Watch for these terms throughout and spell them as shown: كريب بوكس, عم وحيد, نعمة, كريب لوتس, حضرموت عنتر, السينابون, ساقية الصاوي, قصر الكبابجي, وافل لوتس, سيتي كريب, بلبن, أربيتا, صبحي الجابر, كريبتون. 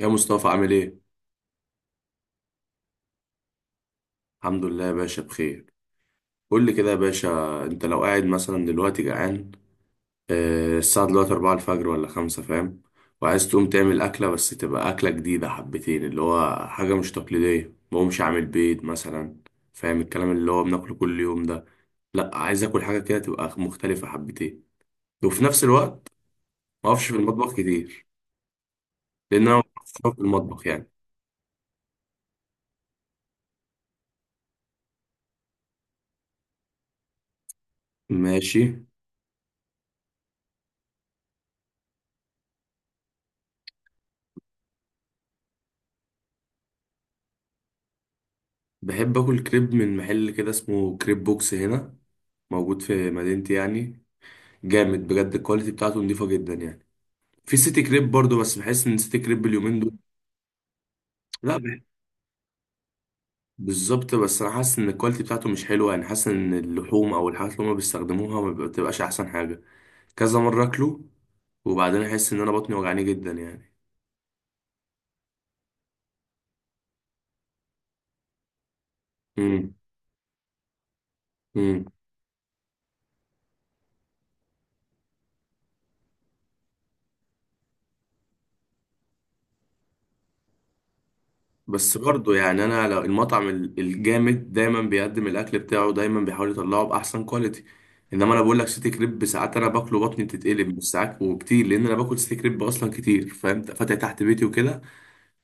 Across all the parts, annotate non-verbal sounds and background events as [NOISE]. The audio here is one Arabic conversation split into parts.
يا مصطفى عامل ايه؟ الحمد لله يا باشا بخير. قول لي كده يا باشا، انت لو قاعد مثلا دلوقتي جعان، آه، الساعة دلوقتي أربعة الفجر ولا خمسة، فاهم؟ وعايز تقوم تعمل أكلة بس تبقى أكلة جديدة حبتين، اللي هو حاجة مش تقليدية، مقومش عامل بيض مثلا، فاهم الكلام؟ اللي هو بناكله كل يوم ده. لأ، عايز آكل حاجة كده تبقى مختلفة حبتين، وفي نفس الوقت مقفش في المطبخ كتير، لأن أنا مقفش في المطبخ يعني. ماشي. بحب آكل كريب من محل كده اسمه كريب بوكس هنا، موجود في مدينتي يعني. جامد بجد، الكواليتي بتاعته نضيفة جدا يعني. في سيتي كريب برضو، بس بحس ان سيتي كريب اليومين دول، لا بح- بالظبط، بس انا حاسس ان الكواليتي بتاعته مش حلوه يعني، حاسس ان اللحوم او الحاجات اللي هما بيستخدموها ما بتبقاش احسن حاجه. كذا مره اكله وبعدين احس ان انا بطني وجعاني جدا يعني. امم إمم. بس برضه يعني، انا لو المطعم الجامد، دايما بيقدم الاكل بتاعه، دايما بيحاول يطلعه باحسن كواليتي. انما انا بقول لك سيتي كريب ساعات انا باكله بطني بتتقلب، مش ساعات وكتير لان انا باكل سيتي كريب اصلا كتير، فاهم، فاتح تحت بيتي وكده.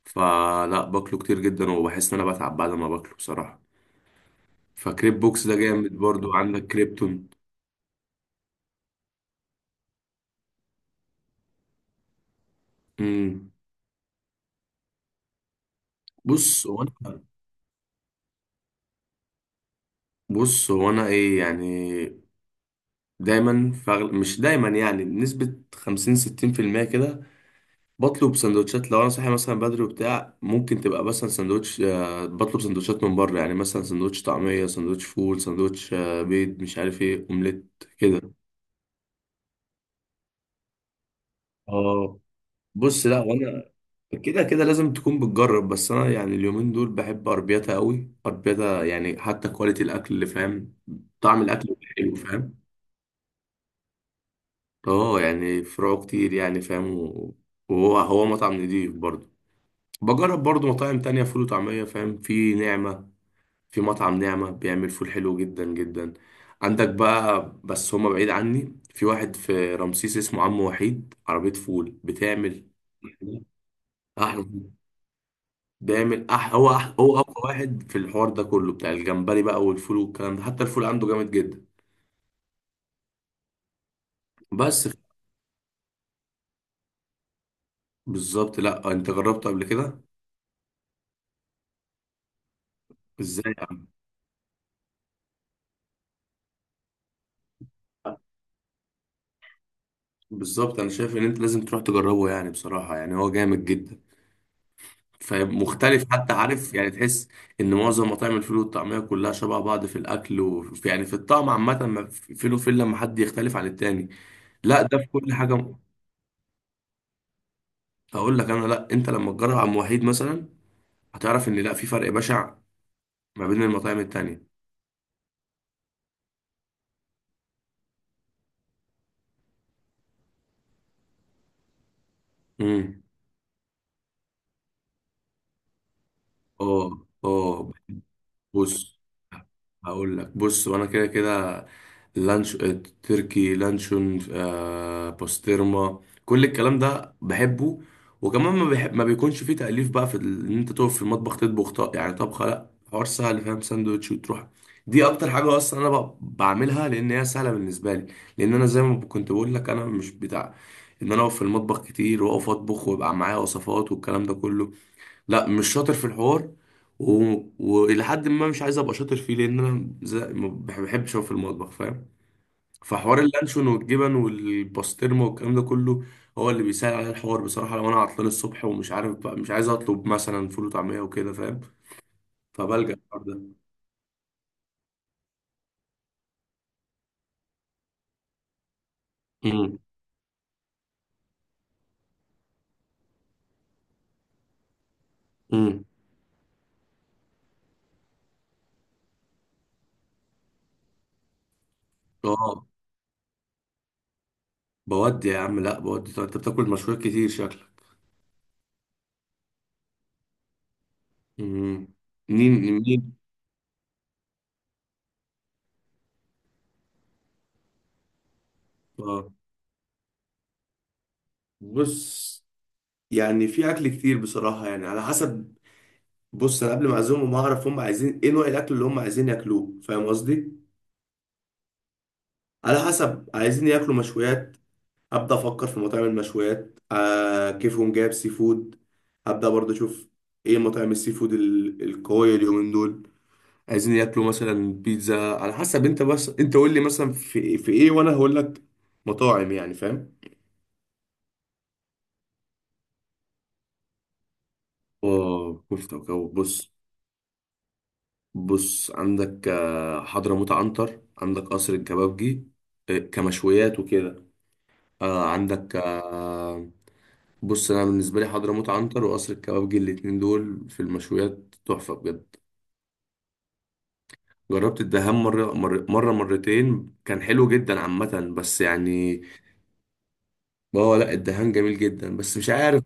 فلا، باكله كتير جدا وبحس ان انا بتعب بعد ما باكله بصراحه. فكريب بوكس ده جامد برضه، عندك كريبتون. امم بص هو انا بص هو انا ايه يعني، دايما فغل... مش دايما يعني، بنسبه 50 60% كده بطلب سندوتشات. لو انا صاحي مثلا بدري وبتاع، ممكن تبقى مثلا سندوتش، آه، بطلب سندوتشات من بره يعني، مثلا سندوتش طعميه، سندوتش فول، سندوتش، آه، بيض، مش عارف ايه، اومليت كده. اه. بص، لا وانا كده كده لازم تكون بتجرب، بس انا يعني اليومين دول بحب اربيتا قوي. اربيتا يعني حتى كواليتي الاكل اللي فاهم، طعم الاكل حلو فاهم. اه يعني فروعه كتير يعني فاهم، وهو هو مطعم نضيف برضه. بجرب برضه مطاعم تانية فول وطعمية فاهم، في نعمة، في مطعم نعمة بيعمل فول حلو جدا جدا. عندك بقى، بس هما بعيد عني، في واحد في رمسيس اسمه عم وحيد، عربية فول بتعمل أحلى [LAUGHS] فول. بيعمل أح... هو أح... هو أقوى واحد في الحوار ده كله، بتاع الجمبري بقى والفول والكلام ده، حتى الفول عنده جامد جدا. بس ف- بالظبط. لا أنت جربته قبل كده؟ إزاي يا عم؟ بالظبط، أنا شايف إن أنت لازم تروح تجربه يعني بصراحة، يعني هو جامد جدا، فمختلف حتى، عارف يعني، تحس ان معظم مطاعم الفول والطعميه كلها شبه بعض في الاكل وفي يعني في الطعم عامه، ما في- فين وفين لما حد يختلف عن التاني. لا ده في كل حاجه، اقول لك انا. لا انت لما تجرب عم وحيد مثلا هتعرف ان لا، في فرق بشع ما بين المطاعم التانيه. امم اه اه بص، هقول لك. وانا كده كده لانش، آه، تركي، لانشون، آه، بوسترما، كل الكلام ده بحبه. وكمان ما، بحب ما بيكونش فيه تأليف بقى، ان انت تقف في المطبخ تطبخ طق يعني طبخه، لا حوار سهل فاهم، ساندوتش وتروح. دي اكتر حاجه اصلا انا بعملها لان هي سهله بالنسبه لي. لان انا زي ما كنت بقول لك، انا مش بتاع ان انا اقف في المطبخ كتير، واقف اطبخ ويبقى معايا وصفات والكلام ده كله. لا، مش شاطر في الحوار، و... والى حد ما مش عايز ابقى شاطر فيه، لان انا زي... ما بح- بحبش اقف في المطبخ فاهم. فحوار اللانشون والجبن والباسترما والكلام ده كله هو اللي بيسهل عليا الحوار بصراحه، لو انا عطلان الصبح ومش عارف بقى، مش عايز اطلب مثلا فول وطعميه وكده فاهم، فبلجأ الحوار ده. امم امم اه، بودي يا عم، لا بودي. طب انت بتاكل مشويات كتير شكلك؟ امم. منين منين؟ اه، بص يعني في اكل كتير بصراحه يعني، على حسب. بص، انا قبل ما اعزمهم اعرف هم عايزين ايه، نوع الاكل اللي هم عايزين ياكلوه فاهم قصدي. على حسب، عايزين ياكلوا مشويات، ابدا افكر في مطاعم المشويات. آه، كيفهم جايب سي فود، ابدا برضه اشوف ايه مطاعم السي فود القويه اليومين دول. عايزين ياكلوا مثلا بيتزا، على حسب انت، بس انت قول لي مثلا في في ايه، وانا هقول لك مطاعم يعني فاهم. اه كفته وكباب. بص بص، عندك آه، حضرموت عنتر، عندك قصر الكبابجي، آه، كمشويات وكده. آه عندك آه، بص، انا بالنسبه لي حضرموت عنتر وقصر الكبابجي، الاتنين دول في المشويات تحفه بجد. جربت الدهان مرة مرتين، كان حلو جدا عامه، بس يعني، هو لا، الدهان جميل جدا بس مش عارف.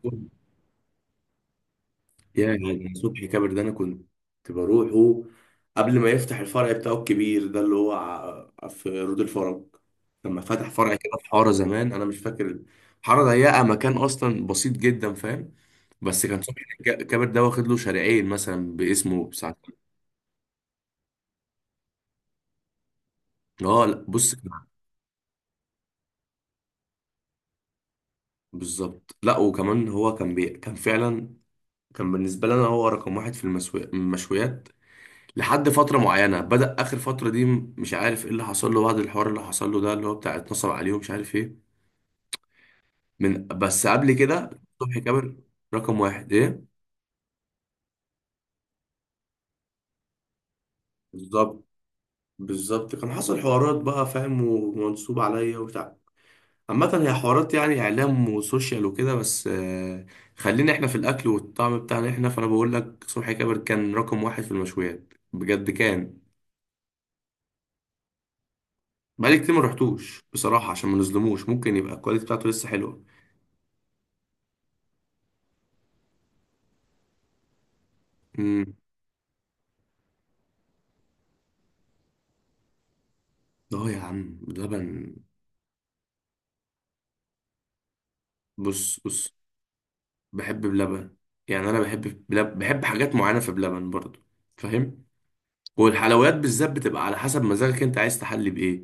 يا يعني صبحي كابر ده، انا كنت بروحه قبل ما يفتح الفرع بتاعه الكبير ده اللي هو في رود الفرج. لما فتح فرع كده في حاره زمان، انا مش فاكر، حاره ضيقه، مكان اصلا بسيط جدا فاهم. بس كان صبحي الجابر ده واخد له شارعين مثلا باسمه بساعتين. اه لا بص، بالظبط. لا، وكمان هو كان بي... كان فعلا، كان بالنسبه لنا هو رقم واحد في المسو... المشويات لحد فتره معينه. بدأ اخر فتره دي، مش عارف ايه اللي حصل له بعد الحوار اللي حصل له ده، اللي هو بتاع اتنصب عليه ومش عارف ايه، من بس قبل كده. صبحي جابر رقم واحد ايه. بالظبط، بالظبط. كان حصل حوارات بقى فاهم، ومنصوب عليا وبتاع، عامة هي حوارات يعني إعلام وسوشيال وكده، بس آه، خلينا إحنا في الأكل والطعم بتاعنا إحنا. فأنا بقول لك صبحي كابر كان رقم واحد في المشويات بجد كان. بقالي كتير ما رحتوش بصراحة عشان ما نظلموش، ممكن يبقى الكواليتي بتاعته لسه حلوة. امم. أه يا عم، بلبن. بص بص، بحب بلبن. يعني أنا بحب بلب... بحب حاجات معينة في بلبن برضه فاهم. والحلويات بالذات بتبقى على حسب مزاجك أنت عايز تحلي بإيه،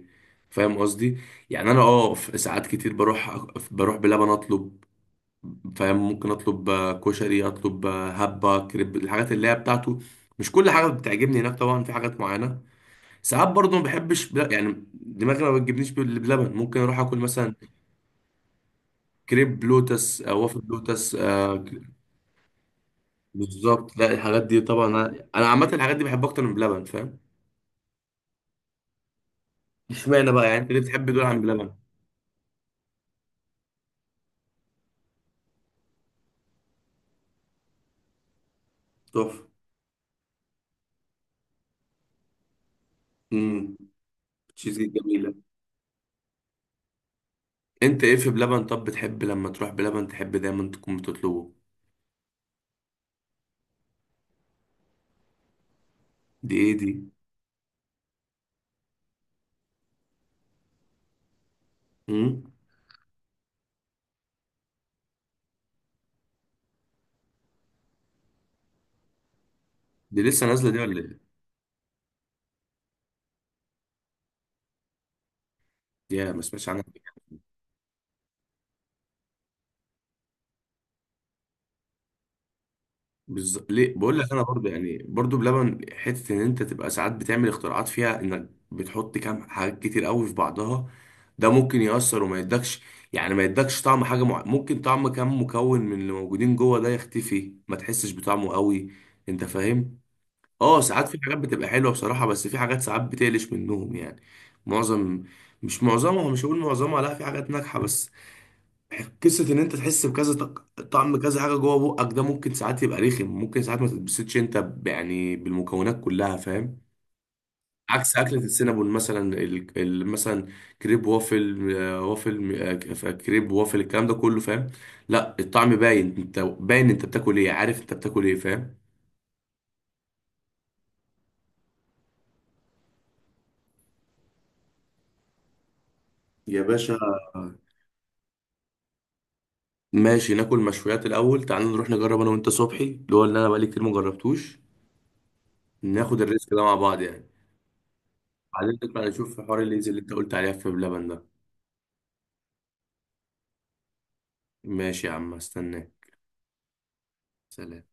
فاهم قصدي. يعني أنا أه، في ساعات كتير بروح، بروح بلبن أطلب، فاهم، ممكن اطلب آه، كشري، اطلب آه، هبه، كريب، الحاجات اللي هي بتاعته. مش كل حاجه بتعجبني هناك طبعا، في حاجات معينه ساعات برضه ما بحبش بل... يعني دماغي ما بتجيبنيش بلبن، ممكن اروح اكل مثلا كريب لوتس، آه، وافل لوتس، آه، بالظبط. لا الحاجات دي طبعا انا، أنا عامه الحاجات دي بحبها اكتر من بلبن فاهم. اشمعنى بقى يعني، انت ليه بتحب دول عن بلبن؟ تحفه. امم. تشيز كيك جميله. انت ايه في بلبن؟ طب بتحب لما تروح بلبن تحب دايما تكون بتطلبه؟ دي ايه؟ دي دي لسه نازله، دي ولا ايه؟ يا ما سمعتش عنها. بز... ليه بقول لك، انا برضو يعني برضو بلبن حته ان انت تبقى ساعات بتعمل اختراعات فيها، انك بتحط كام حاجات كتير قوي في بعضها، ده ممكن يأثر وما يدكش، يعني ما يدكش طعم حاجه مع... ممكن طعم كام مكون من اللي موجودين جوه ده يختفي، ما تحسش بطعمه قوي، انت فاهم. اه ساعات في حاجات بتبقى حلوه بصراحه، بس في حاجات ساعات بتقلش منهم يعني. معظم، مش معظمها، مش هقول معظمها، لا في حاجات ناجحه، بس قصة إن أنت تحس بكذا طعم كذا حاجة جوه بقك، ده ممكن ساعات يبقى رخم، ممكن ساعات ما تتبسطش أنت يعني بالمكونات كلها فاهم. عكس أكلة السينابون مثلا، مثلا كريب وافل، آه، وافل، آه، كريب وافل، الكلام ده كله فاهم، لا الطعم باين، أنت باين أنت بتاكل إيه، عارف أنت بتاكل إيه فاهم. يا باشا ماشي، ناكل مشويات الأول، تعال نروح نجرب أنا وأنت صبحي، اللي هو اللي أنا بقالي كتير ما جربتوش، ناخد الريسك ده مع بعض يعني. بعدين نطلع نشوف في حوار الليز اللي أنت قلت عليها في بلبن ده. ماشي يا عم، استناه. سلام.